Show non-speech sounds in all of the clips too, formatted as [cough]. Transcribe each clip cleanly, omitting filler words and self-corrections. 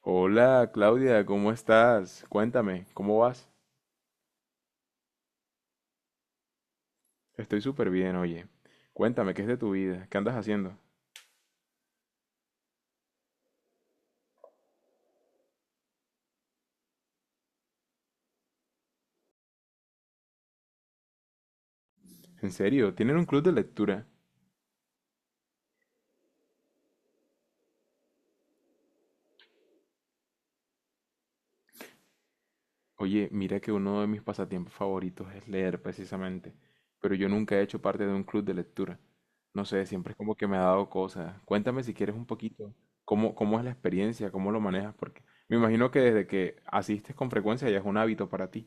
Hola Claudia, ¿cómo estás? Cuéntame, ¿cómo vas? Estoy súper bien, oye. Cuéntame, ¿qué es de tu vida? ¿Qué andas haciendo? ¿En serio? ¿Tienen un club de lectura? Oye, mira que uno de mis pasatiempos favoritos es leer precisamente, pero yo nunca he hecho parte de un club de lectura. No sé, siempre es como que me ha dado cosas. Cuéntame si quieres un poquito, ¿cómo, cómo es la experiencia? ¿Cómo lo manejas? Porque me imagino que desde que asistes con frecuencia ya es un hábito para ti.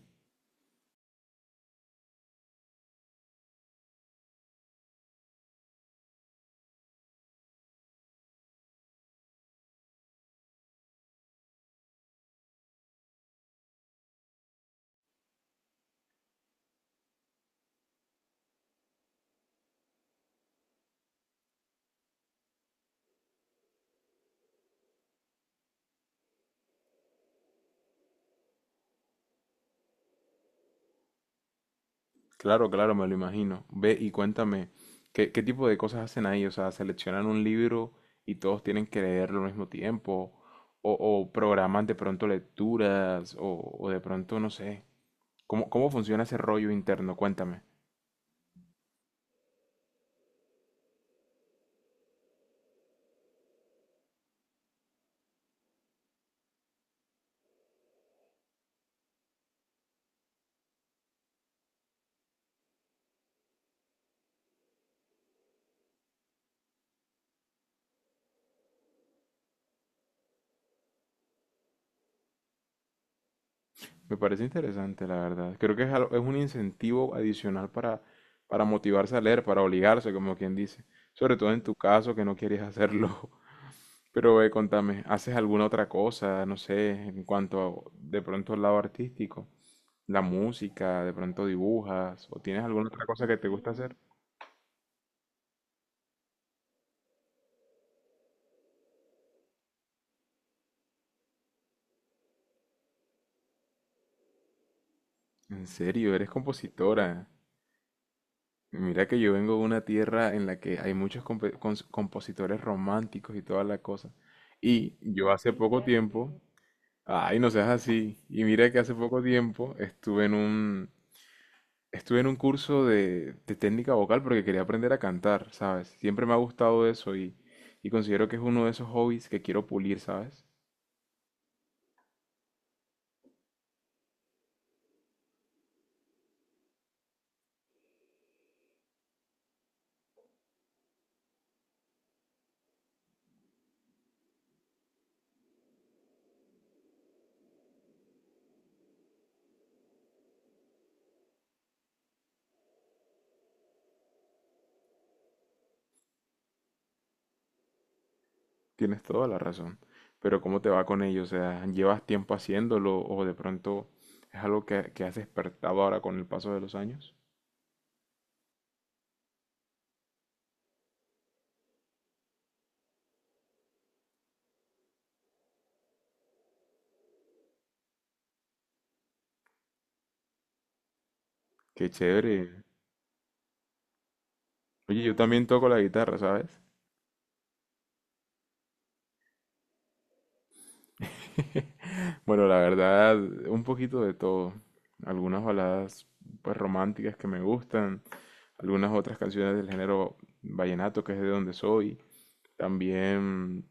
Claro, claro, me lo imagino. Ve y cuéntame, ¿qué, qué tipo de cosas hacen ahí? O sea, ¿seleccionan un libro y todos tienen que leerlo al mismo tiempo? O programan de pronto lecturas? O de pronto, no sé? ¿Cómo, cómo funciona ese rollo interno? Cuéntame. Me parece interesante, la verdad. Creo que es, es un incentivo adicional para motivarse a leer, para obligarse, como quien dice. Sobre todo en tu caso, que no quieres hacerlo. [laughs] Pero ve, contame, ¿haces alguna otra cosa, no sé, en cuanto a, de pronto al lado artístico? ¿La música, de pronto dibujas, o tienes alguna otra cosa que te gusta hacer? ¿En serio, eres compositora? Mira que yo vengo de una tierra en la que hay muchos compositores románticos y toda la cosa. Y yo hace poco tiempo, ay, no seas así, y mira que hace poco tiempo estuve en un, estuve en un curso de técnica vocal porque quería aprender a cantar, ¿sabes? Siempre me ha gustado eso y considero que es uno de esos hobbies que quiero pulir, ¿sabes? Tienes toda la razón. Pero ¿cómo te va con ello? O sea, ¿llevas tiempo haciéndolo o de pronto es algo que has despertado ahora con el paso de los años? Qué chévere. Oye, yo también toco la guitarra, ¿sabes? [laughs] Bueno, la verdad, un poquito de todo. Algunas baladas pues románticas que me gustan, algunas otras canciones del género vallenato, que es de donde soy. También,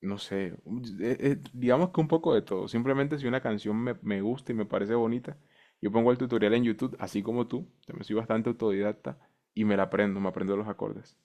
no sé, digamos que un poco de todo. Simplemente si una canción me, me gusta y me parece bonita, yo pongo el tutorial en YouTube, así como tú, también soy bastante autodidacta y me la aprendo, me aprendo los acordes.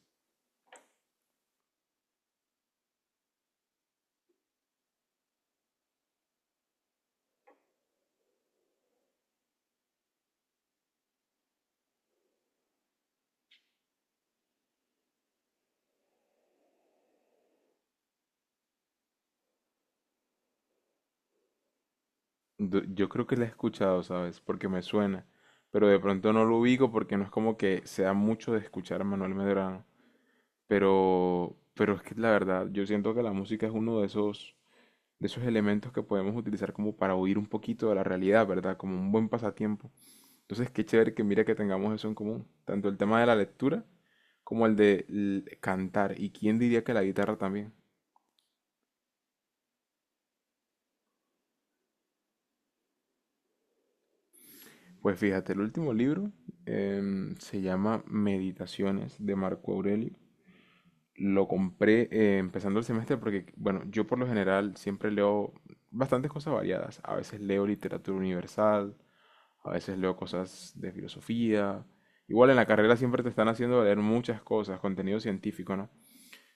Yo creo que la he escuchado, ¿sabes? Porque me suena. Pero de pronto no lo ubico porque no es como que sea mucho de escuchar a Manuel Medrano. Pero es que la verdad, yo siento que la música es uno de esos elementos que podemos utilizar como para huir un poquito de la realidad, ¿verdad? Como un buen pasatiempo. Entonces, qué chévere que mira que tengamos eso en común. Tanto el tema de la lectura como el de cantar. ¿Y quién diría que la guitarra también? Pues fíjate, el último libro se llama Meditaciones de Marco Aurelio. Lo compré empezando el semestre porque, bueno, yo por lo general siempre leo bastantes cosas variadas. A veces leo literatura universal, a veces leo cosas de filosofía. Igual en la carrera siempre te están haciendo leer muchas cosas, contenido científico, ¿no?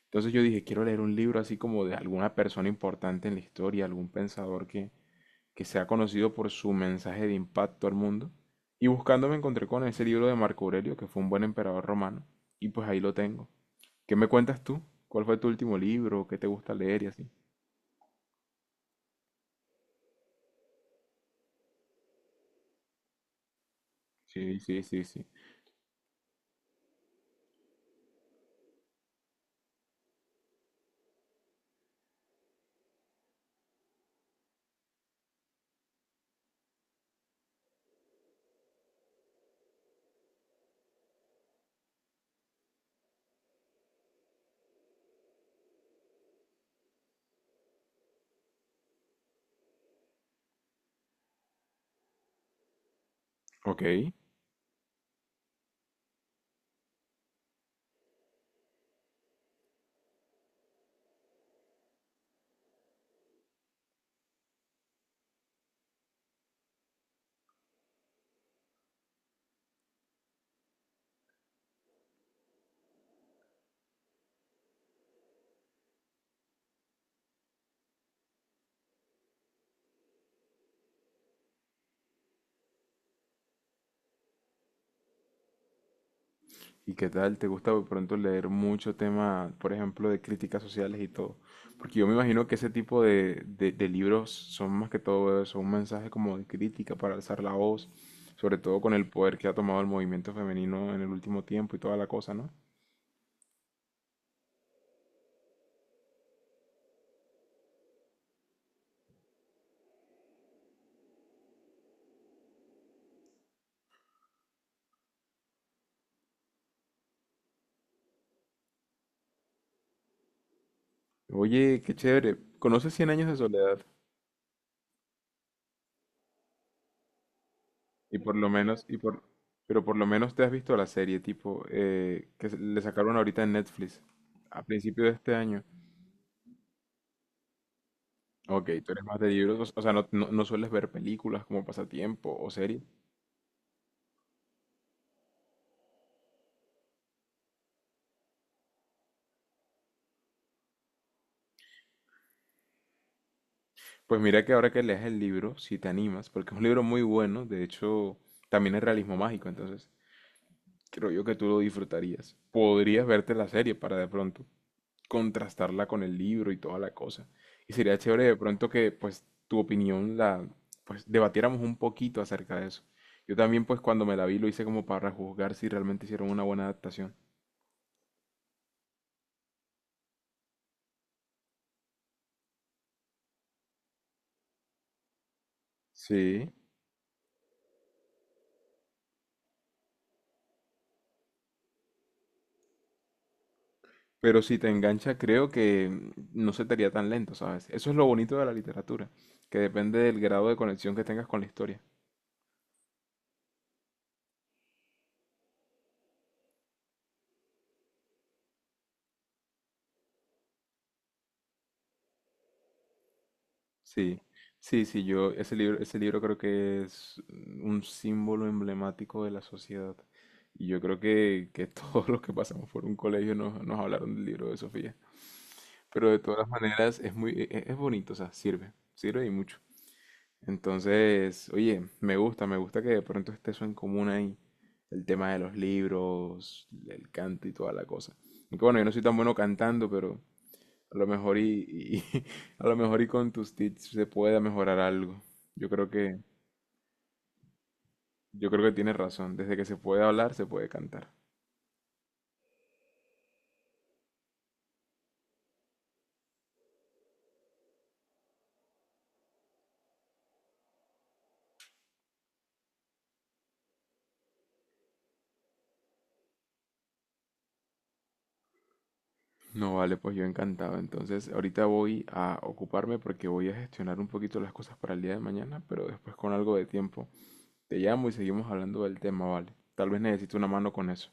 Entonces yo dije, quiero leer un libro así como de alguna persona importante en la historia, algún pensador que sea conocido por su mensaje de impacto al mundo. Y buscando me encontré con ese libro de Marco Aurelio, que fue un buen emperador romano, y pues ahí lo tengo. ¿Qué me cuentas tú? ¿Cuál fue tu último libro? ¿Qué te gusta leer y así? Sí, sí, sí, sí. Ok. ¿Y qué tal? ¿Te gusta de pronto leer mucho tema, por ejemplo, de críticas sociales y todo? Porque yo me imagino que ese tipo de, de libros son más que todo eso, un mensaje como de crítica para alzar la voz, sobre todo con el poder que ha tomado el movimiento femenino en el último tiempo y toda la cosa, ¿no? Oye, qué chévere. ¿Conoces Cien años de soledad? Y por lo menos, y por, pero por lo menos te has visto la serie, tipo, le sacaron ahorita en Netflix, a principio de este año. Ok, tú eres más de libros, o sea, no, no, no sueles ver películas como pasatiempo o series. Pues mira que ahora que lees el libro, si te animas, porque es un libro muy bueno, de hecho, también es realismo mágico, entonces creo yo que tú lo disfrutarías. Podrías verte la serie para de pronto contrastarla con el libro y toda la cosa. Y sería chévere de pronto que pues tu opinión la pues debatiéramos un poquito acerca de eso. Yo también pues cuando me la vi lo hice como para juzgar si realmente hicieron una buena adaptación. Sí, pero si te engancha creo que no se te haría tan lento, ¿sabes? Eso es lo bonito de la literatura, que depende del grado de conexión que tengas con la historia. Sí, sí, sí, yo, ese libro creo que es un símbolo emblemático de la sociedad. Y yo creo que [laughs] todos los que pasamos por un colegio nos, nos hablaron del libro de Sofía. Pero de todas maneras es muy, es, bonito, o sea, sirve, sirve y mucho. Entonces, oye, me gusta que de pronto esté eso en común ahí. El tema de los libros, el canto y toda la cosa. Aunque bueno, yo no soy tan bueno cantando, pero, a lo mejor y, [laughs] a lo mejor y con tus tips se pueda mejorar algo. Yo creo que, yo creo que tienes razón. Desde que se puede hablar, se puede cantar. No, vale, pues yo encantado. Entonces, ahorita voy a ocuparme porque voy a gestionar un poquito las cosas para el día de mañana, pero después con algo de tiempo te llamo y seguimos hablando del tema, vale. Tal vez necesito una mano con eso.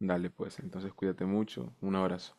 Dale, pues, entonces cuídate mucho. Un abrazo.